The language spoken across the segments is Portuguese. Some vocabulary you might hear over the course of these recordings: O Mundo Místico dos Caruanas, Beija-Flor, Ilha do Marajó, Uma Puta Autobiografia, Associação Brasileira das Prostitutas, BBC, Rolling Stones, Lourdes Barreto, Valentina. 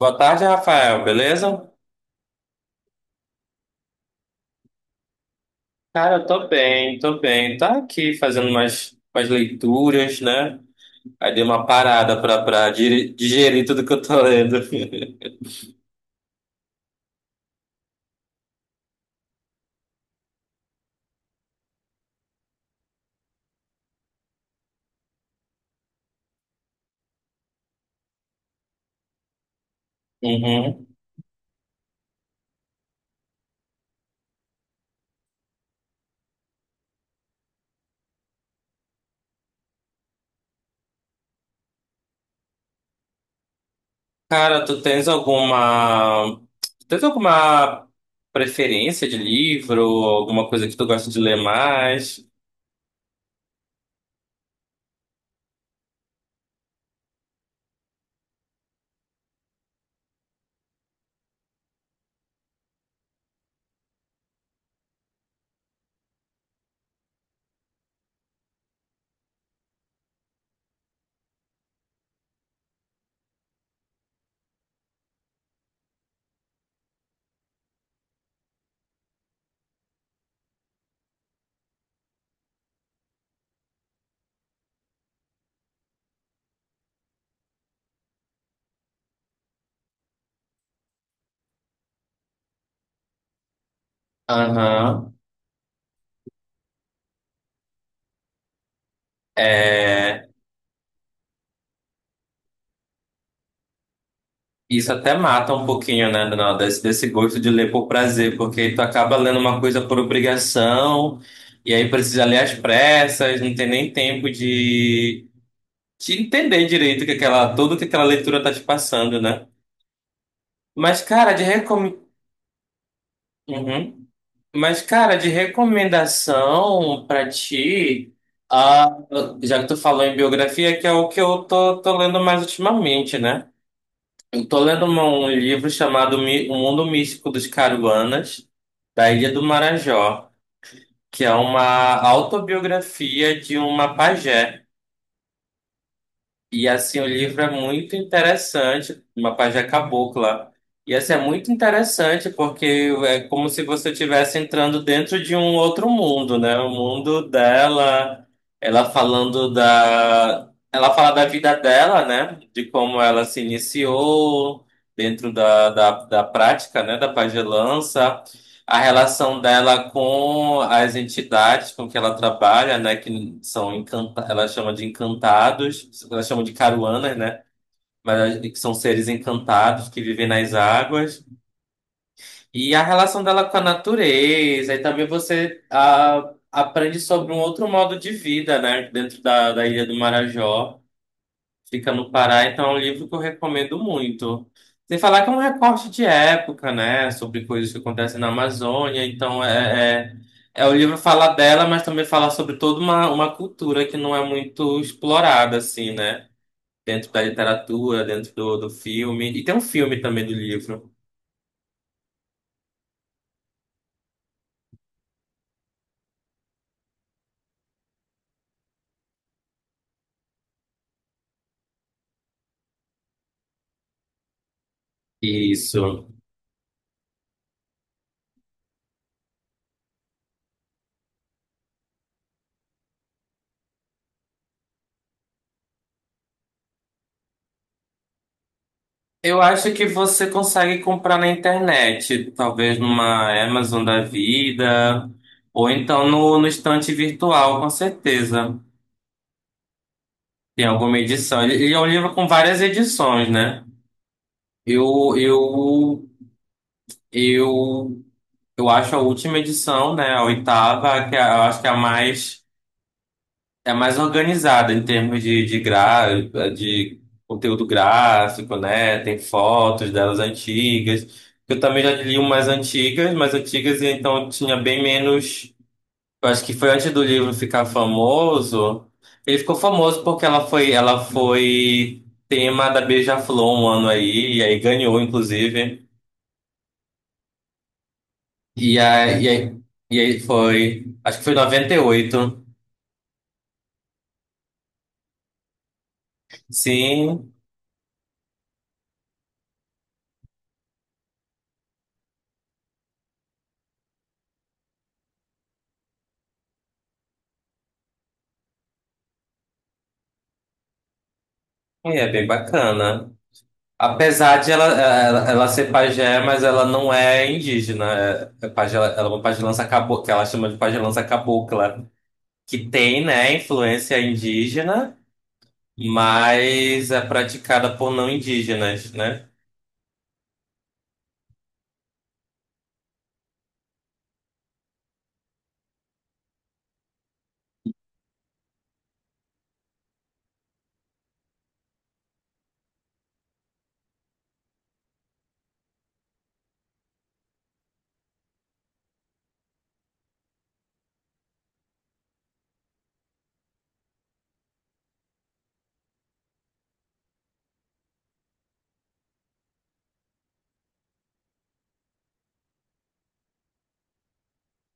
Boa tarde, Rafael, beleza? Cara, eu tô bem, tô bem. Tá aqui fazendo umas leituras, né? Aí dei uma parada pra digerir tudo que eu tô lendo. Uhum. Cara, tu tens alguma. tu tens alguma preferência de livro? Alguma coisa que tu gosta de ler mais? Aham. É. Isso até mata um pouquinho, né, Dona, desse gosto de ler por prazer, porque tu acaba lendo uma coisa por obrigação, e aí precisa ler às pressas, não tem nem tempo de entender direito o que aquela, tudo que aquela leitura tá te passando, né? Mas, cara, de recom... Uhum. Mas, cara, de recomendação pra ti, ah, já que tu falou em biografia, que é o que eu tô lendo mais ultimamente, né? Tô lendo um livro chamado O Mundo Místico dos Caruanas, da Ilha do Marajó, que é uma autobiografia de uma pajé. E assim, o livro é muito interessante, uma página cabocla. E assim, é muito interessante porque é como se você estivesse entrando dentro de um outro mundo, né? O mundo dela, Ela fala da vida dela, né? De como ela se iniciou dentro da prática, né? Da pagelança. A relação dela com as entidades com que ela trabalha, né, que são encanta, ela chama de encantados, ela chama de caruanas, né, mas que são seres encantados que vivem nas águas. E a relação dela com a natureza, e também você aprende sobre um outro modo de vida, né, dentro da Ilha do Marajó. Fica no Pará, então é um livro que eu recomendo muito. Sem falar que é um recorte de época, né? Sobre coisas que acontecem na Amazônia. É o livro fala dela, mas também fala sobre toda uma cultura que não é muito explorada, assim, né? Dentro da literatura, dentro do, do filme. E tem um filme também do livro. Isso. Eu acho que você consegue comprar na internet, talvez numa Amazon da vida, ou então no, no estante virtual, com certeza. Tem alguma edição. Ele é um livro com várias edições, né? Eu, eu, eu, eu acho a última edição, né? A oitava, eu acho que é é a mais organizada em termos de, de conteúdo gráfico, né? Tem fotos delas antigas. Eu também já li umas antigas, mas antigas, então tinha bem menos. Eu acho que foi antes do livro ficar famoso. Ele ficou famoso porque ela foi tema da Beija-Flor um ano aí, e aí ganhou, inclusive. E aí, e aí, e aí foi, acho que foi 98. Sim, e é bem bacana. Apesar de ela ser pajé, mas ela não é indígena. É, é pajé, ela é uma pajelança cabocla, que ela chama de pajelança cabocla, que tem, né, influência indígena. Mas é praticada por não indígenas, né?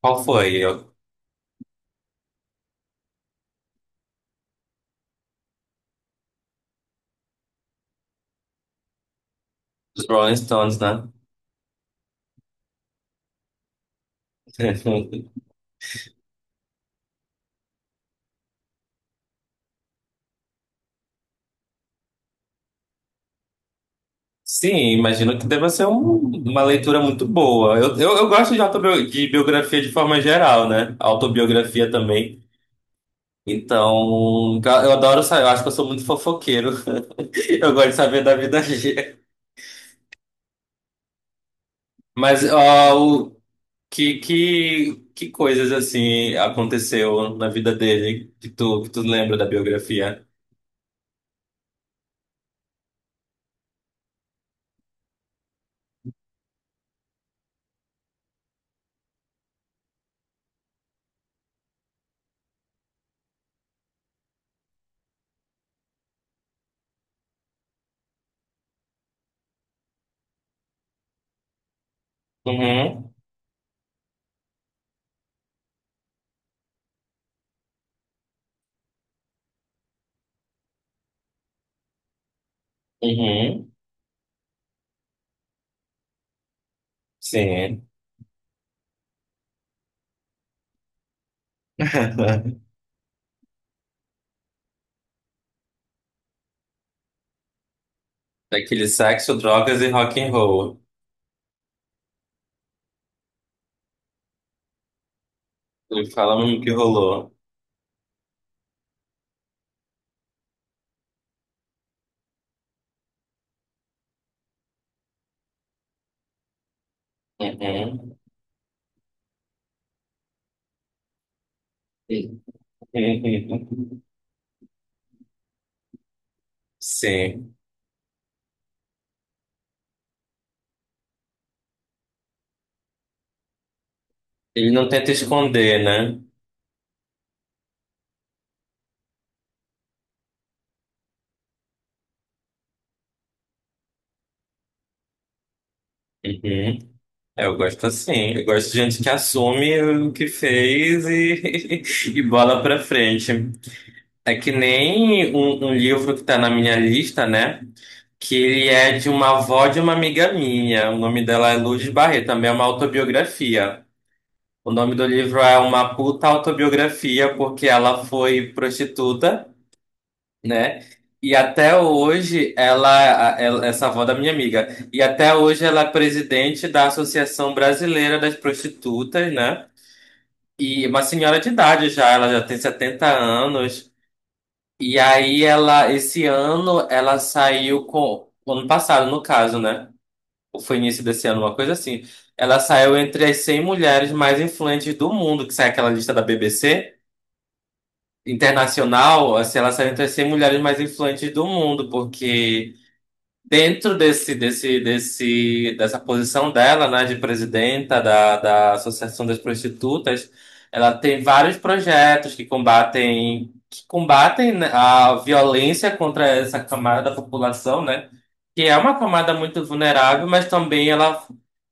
Qual foi? Os Rolling Stones, né? Sim, imagino que deva ser uma leitura muito boa. Eu gosto de, autobio, de biografia de forma geral, né? Autobiografia também. Então, eu adoro saber, eu acho que eu sou muito fofoqueiro. Eu gosto de saber da vida alheia. Mas, ó, o, que, que coisas assim aconteceu na vida dele que tu lembra da biografia? Uhum, uhum, sim. Daquele sexo, drogas e rock and roll. Ele fala mesmo que rolou. Uhum. Sim. Ele não tenta esconder, né? Uhum. É, eu gosto assim. Eu gosto de gente que assume o que fez e, e bola pra frente. É que nem um livro que tá na minha lista, né? Que ele é de uma avó de uma amiga minha. O nome dela é Lourdes Barreto, também é uma autobiografia. O nome do livro é Uma Puta Autobiografia, porque ela foi prostituta, né? E até hoje essa avó da minha amiga, e até hoje ela é presidente da Associação Brasileira das Prostitutas, né? E uma senhora de idade já, ela já tem 70 anos. E aí ela, ela saiu com, ano passado no caso, né? Ou foi início desse ano, uma coisa assim. Ela saiu entre as 100 mulheres mais influentes do mundo, que sai aquela lista da BBC internacional, assim, ela saiu entre as 100 mulheres mais influentes do mundo, porque dentro dessa posição dela, né, de presidenta da Associação das Prostitutas, ela tem vários projetos que combatem, né, a violência contra essa camada da população, né, que é uma camada muito vulnerável, mas também ela,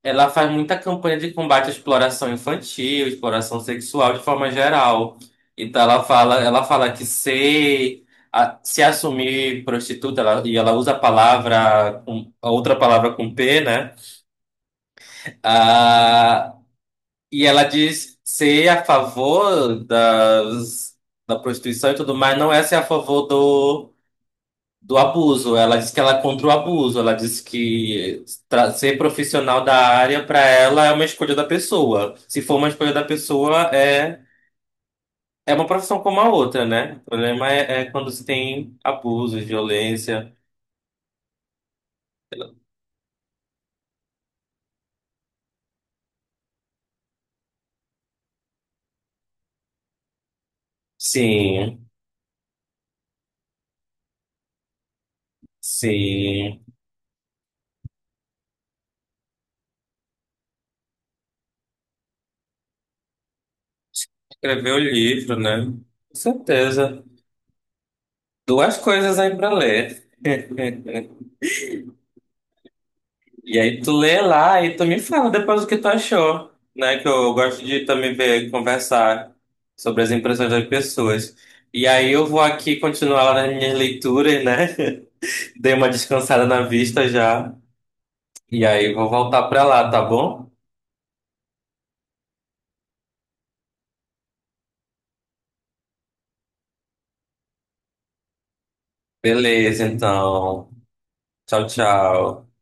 ela faz muita campanha de combate à exploração infantil, exploração sexual de forma geral. Ela fala que ser se assumir prostituta, e ela usa a palavra, a outra palavra com P, né? Ah, e ela diz ser a favor da prostituição e tudo mais, não é ser a favor do abuso. Ela diz que ela é contra o abuso, ela diz que ser profissional da área para ela é uma escolha da pessoa. Se for uma escolha da pessoa, é. É uma profissão como a outra, né? É quando se tem abuso violência. Sim. Sim, escrever o livro, né? Com certeza. Duas coisas aí pra ler. E aí tu lê lá e tu me fala depois o que tu achou, né? Que eu gosto de também ver, conversar sobre as impressões das pessoas. E aí eu vou aqui continuar lá nas minhas leituras, né? Dei uma descansada na vista já. E aí vou voltar pra lá, tá bom? Beleza, então. Tchau, tchau.